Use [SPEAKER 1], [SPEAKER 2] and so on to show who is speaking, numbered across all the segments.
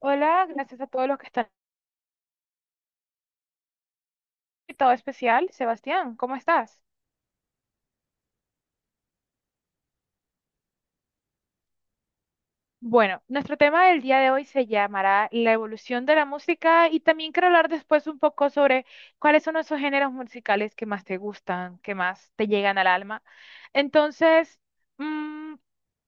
[SPEAKER 1] Hola, gracias a todos los que están. Invitado especial, Sebastián, ¿cómo estás? Bueno, nuestro tema del día de hoy se llamará la evolución de la música y también quiero hablar después un poco sobre cuáles son esos géneros musicales que más te gustan, que más te llegan al alma. Entonces, mm,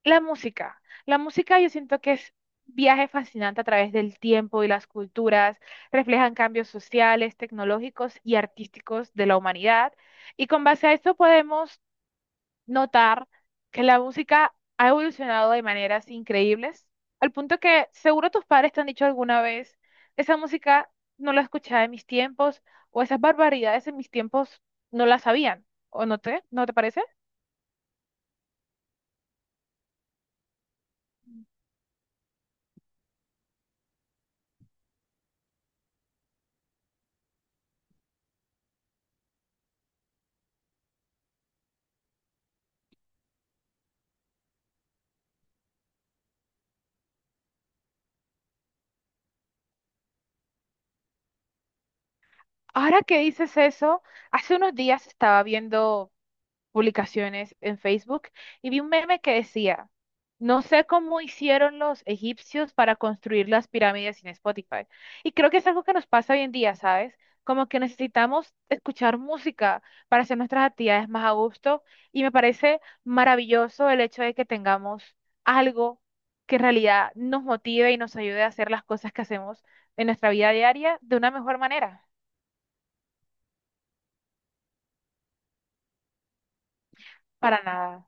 [SPEAKER 1] la música. La música yo siento que es viaje fascinante a través del tiempo y las culturas, reflejan cambios sociales, tecnológicos y artísticos de la humanidad. Y con base a esto podemos notar que la música ha evolucionado de maneras increíbles, al punto que seguro tus padres te han dicho alguna vez, esa música no la escuchaba en mis tiempos, o esas barbaridades en mis tiempos no las sabían, ¿o no te parece? Ahora que dices eso, hace unos días estaba viendo publicaciones en Facebook y vi un meme que decía, no sé cómo hicieron los egipcios para construir las pirámides sin Spotify. Y creo que es algo que nos pasa hoy en día, ¿sabes? Como que necesitamos escuchar música para hacer nuestras actividades más a gusto y me parece maravilloso el hecho de que tengamos algo que en realidad nos motive y nos ayude a hacer las cosas que hacemos en nuestra vida diaria de una mejor manera. Para nada.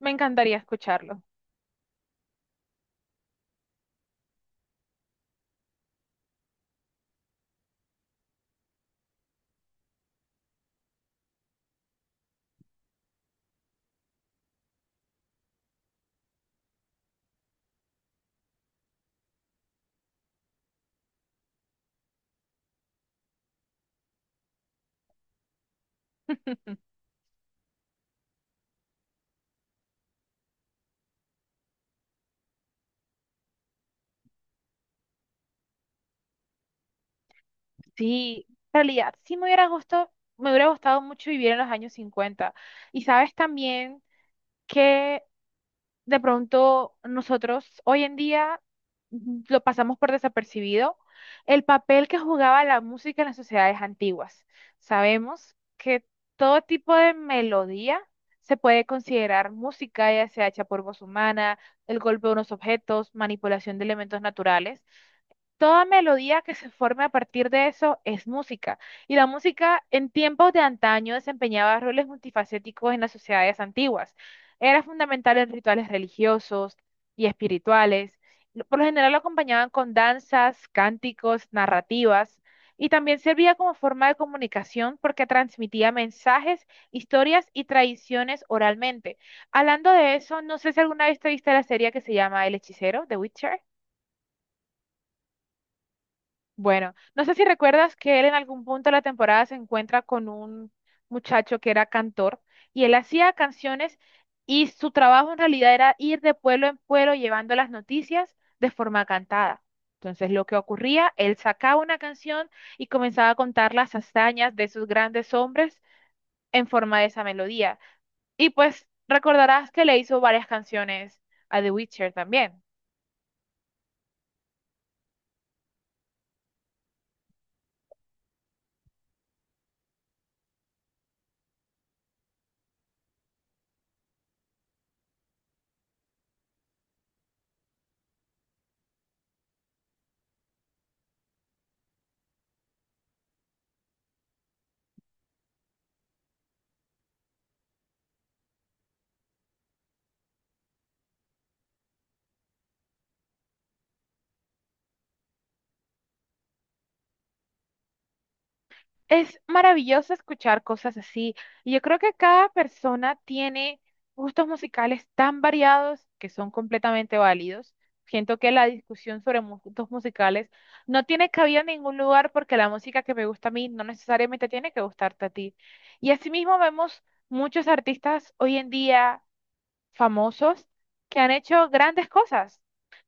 [SPEAKER 1] Me encantaría escucharlo. Sí, en realidad, sí me hubiera gustado mucho vivir en los años 50. Y sabes también que de pronto nosotros hoy en día lo pasamos por desapercibido, el papel que jugaba la música en las sociedades antiguas. Sabemos que todo tipo de melodía se puede considerar música, ya sea hecha por voz humana, el golpe de unos objetos, manipulación de elementos naturales. Toda melodía que se forme a partir de eso es música. Y la música en tiempos de antaño desempeñaba roles multifacéticos en las sociedades antiguas. Era fundamental en rituales religiosos y espirituales. Por lo general lo acompañaban con danzas, cánticos, narrativas. Y también servía como forma de comunicación porque transmitía mensajes, historias y tradiciones oralmente. Hablando de eso, no sé si alguna vez te viste la serie que se llama El Hechicero, The Witcher. Bueno, no sé si recuerdas que él en algún punto de la temporada se encuentra con un muchacho que era cantor y él hacía canciones y su trabajo en realidad era ir de pueblo en pueblo llevando las noticias de forma cantada. Entonces lo que ocurría, él sacaba una canción y comenzaba a contar las hazañas de sus grandes hombres en forma de esa melodía. Y pues recordarás que le hizo varias canciones a The Witcher también. Es maravilloso escuchar cosas así. Y yo creo que cada persona tiene gustos musicales tan variados que son completamente válidos. Siento que la discusión sobre gustos musicales no tiene cabida en ningún lugar porque la música que me gusta a mí no necesariamente tiene que gustarte a ti. Y asimismo vemos muchos artistas hoy en día famosos que han hecho grandes cosas,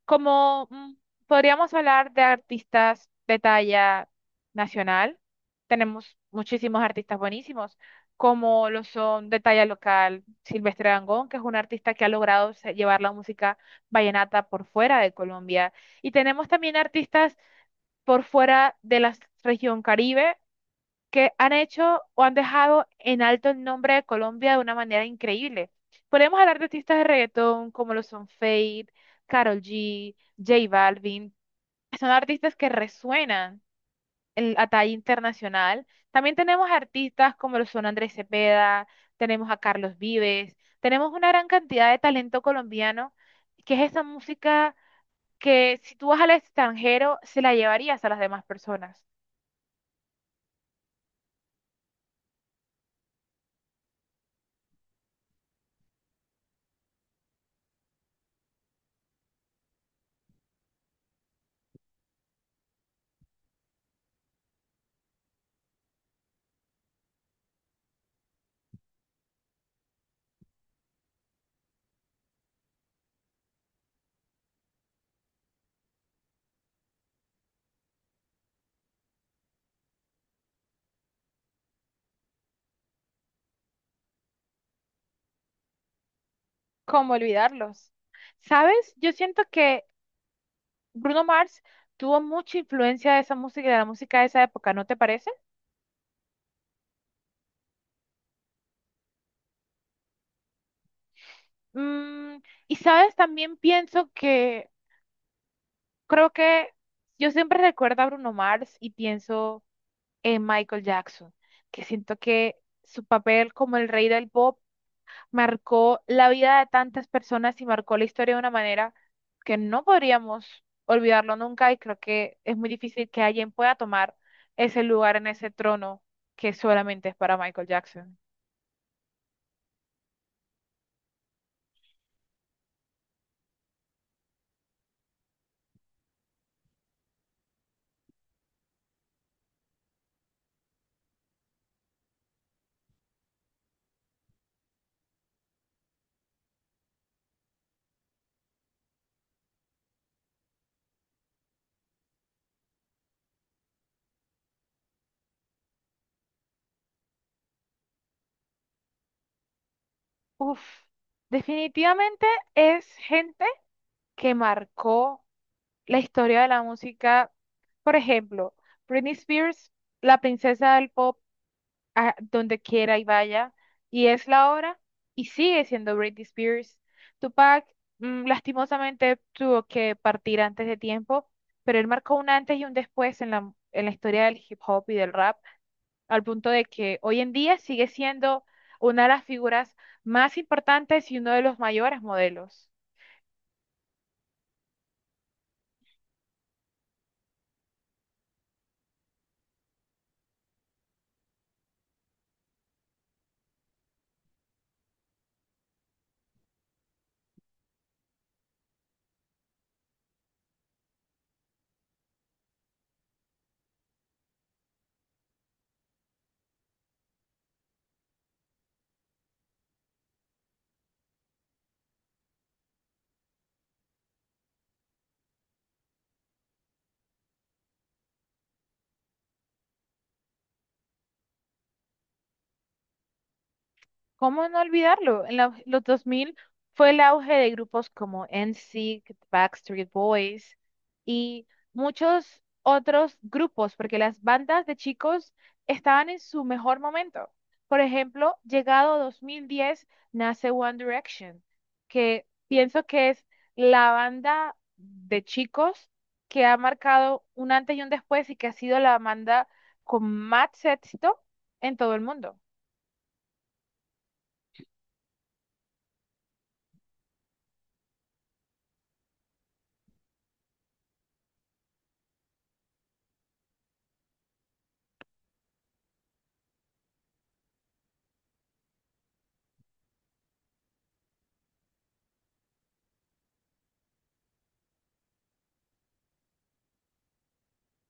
[SPEAKER 1] como podríamos hablar de artistas de talla nacional. Tenemos muchísimos artistas buenísimos, como lo son de talla local Silvestre Dangond, que es un artista que ha logrado llevar la música vallenata por fuera de Colombia. Y tenemos también artistas por fuera de la región Caribe, que han hecho o han dejado en alto el nombre de Colombia de una manera increíble. Podemos hablar de artistas de reggaetón como lo son Fade, Karol G, J Balvin. Son artistas que resuenan a talla internacional. También tenemos artistas como lo son Andrés Cepeda, tenemos a Carlos Vives, tenemos una gran cantidad de talento colombiano, que es esa música que si tú vas al extranjero se la llevarías a las demás personas. ¿Cómo olvidarlos? ¿Sabes? Yo siento que Bruno Mars tuvo mucha influencia de esa música y de la música de esa época, ¿no te parece? Mm, y sabes, también pienso que creo que yo siempre recuerdo a Bruno Mars y pienso en Michael Jackson, que siento que su papel como el rey del pop marcó la vida de tantas personas y marcó la historia de una manera que no podríamos olvidarlo nunca y creo que es muy difícil que alguien pueda tomar ese lugar en ese trono que solamente es para Michael Jackson. Uf, definitivamente es gente que marcó la historia de la música. Por ejemplo, Britney Spears, la princesa del pop a donde quiera y vaya, y es la hora, y sigue siendo Britney Spears. Tupac, lastimosamente, tuvo que partir antes de tiempo, pero él marcó un antes y un después en en la historia del hip hop y del rap, al punto de que hoy en día sigue siendo una de las figuras más importantes y uno de los mayores modelos. ¿Cómo no olvidarlo? Los 2000 fue el auge de grupos como N. NSYNC, Backstreet Boys y muchos otros grupos, porque las bandas de chicos estaban en su mejor momento. Por ejemplo, llegado 2010 nace One Direction, que pienso que es la banda de chicos que ha marcado un antes y un después y que ha sido la banda con más éxito en todo el mundo.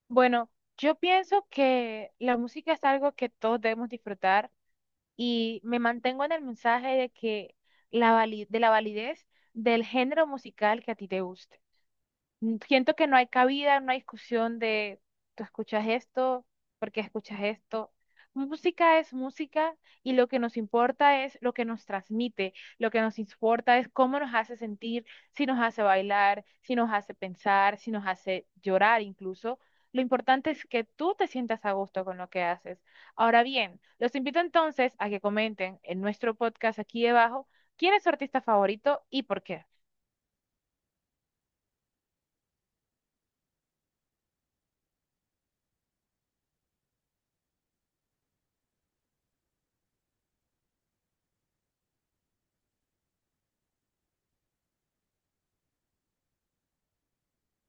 [SPEAKER 1] Bueno, yo pienso que la música es algo que todos debemos disfrutar y me mantengo en el mensaje de que de la validez del género musical que a ti te guste siento que no hay cabida en una discusión de tú escuchas esto, porque escuchas esto. Música es música y lo que nos importa es lo que nos transmite, lo que nos importa es cómo nos hace sentir, si nos hace bailar, si nos hace pensar, si nos hace llorar incluso. Lo importante es que tú te sientas a gusto con lo que haces. Ahora bien, los invito entonces a que comenten en nuestro podcast aquí debajo quién es su artista favorito y por qué.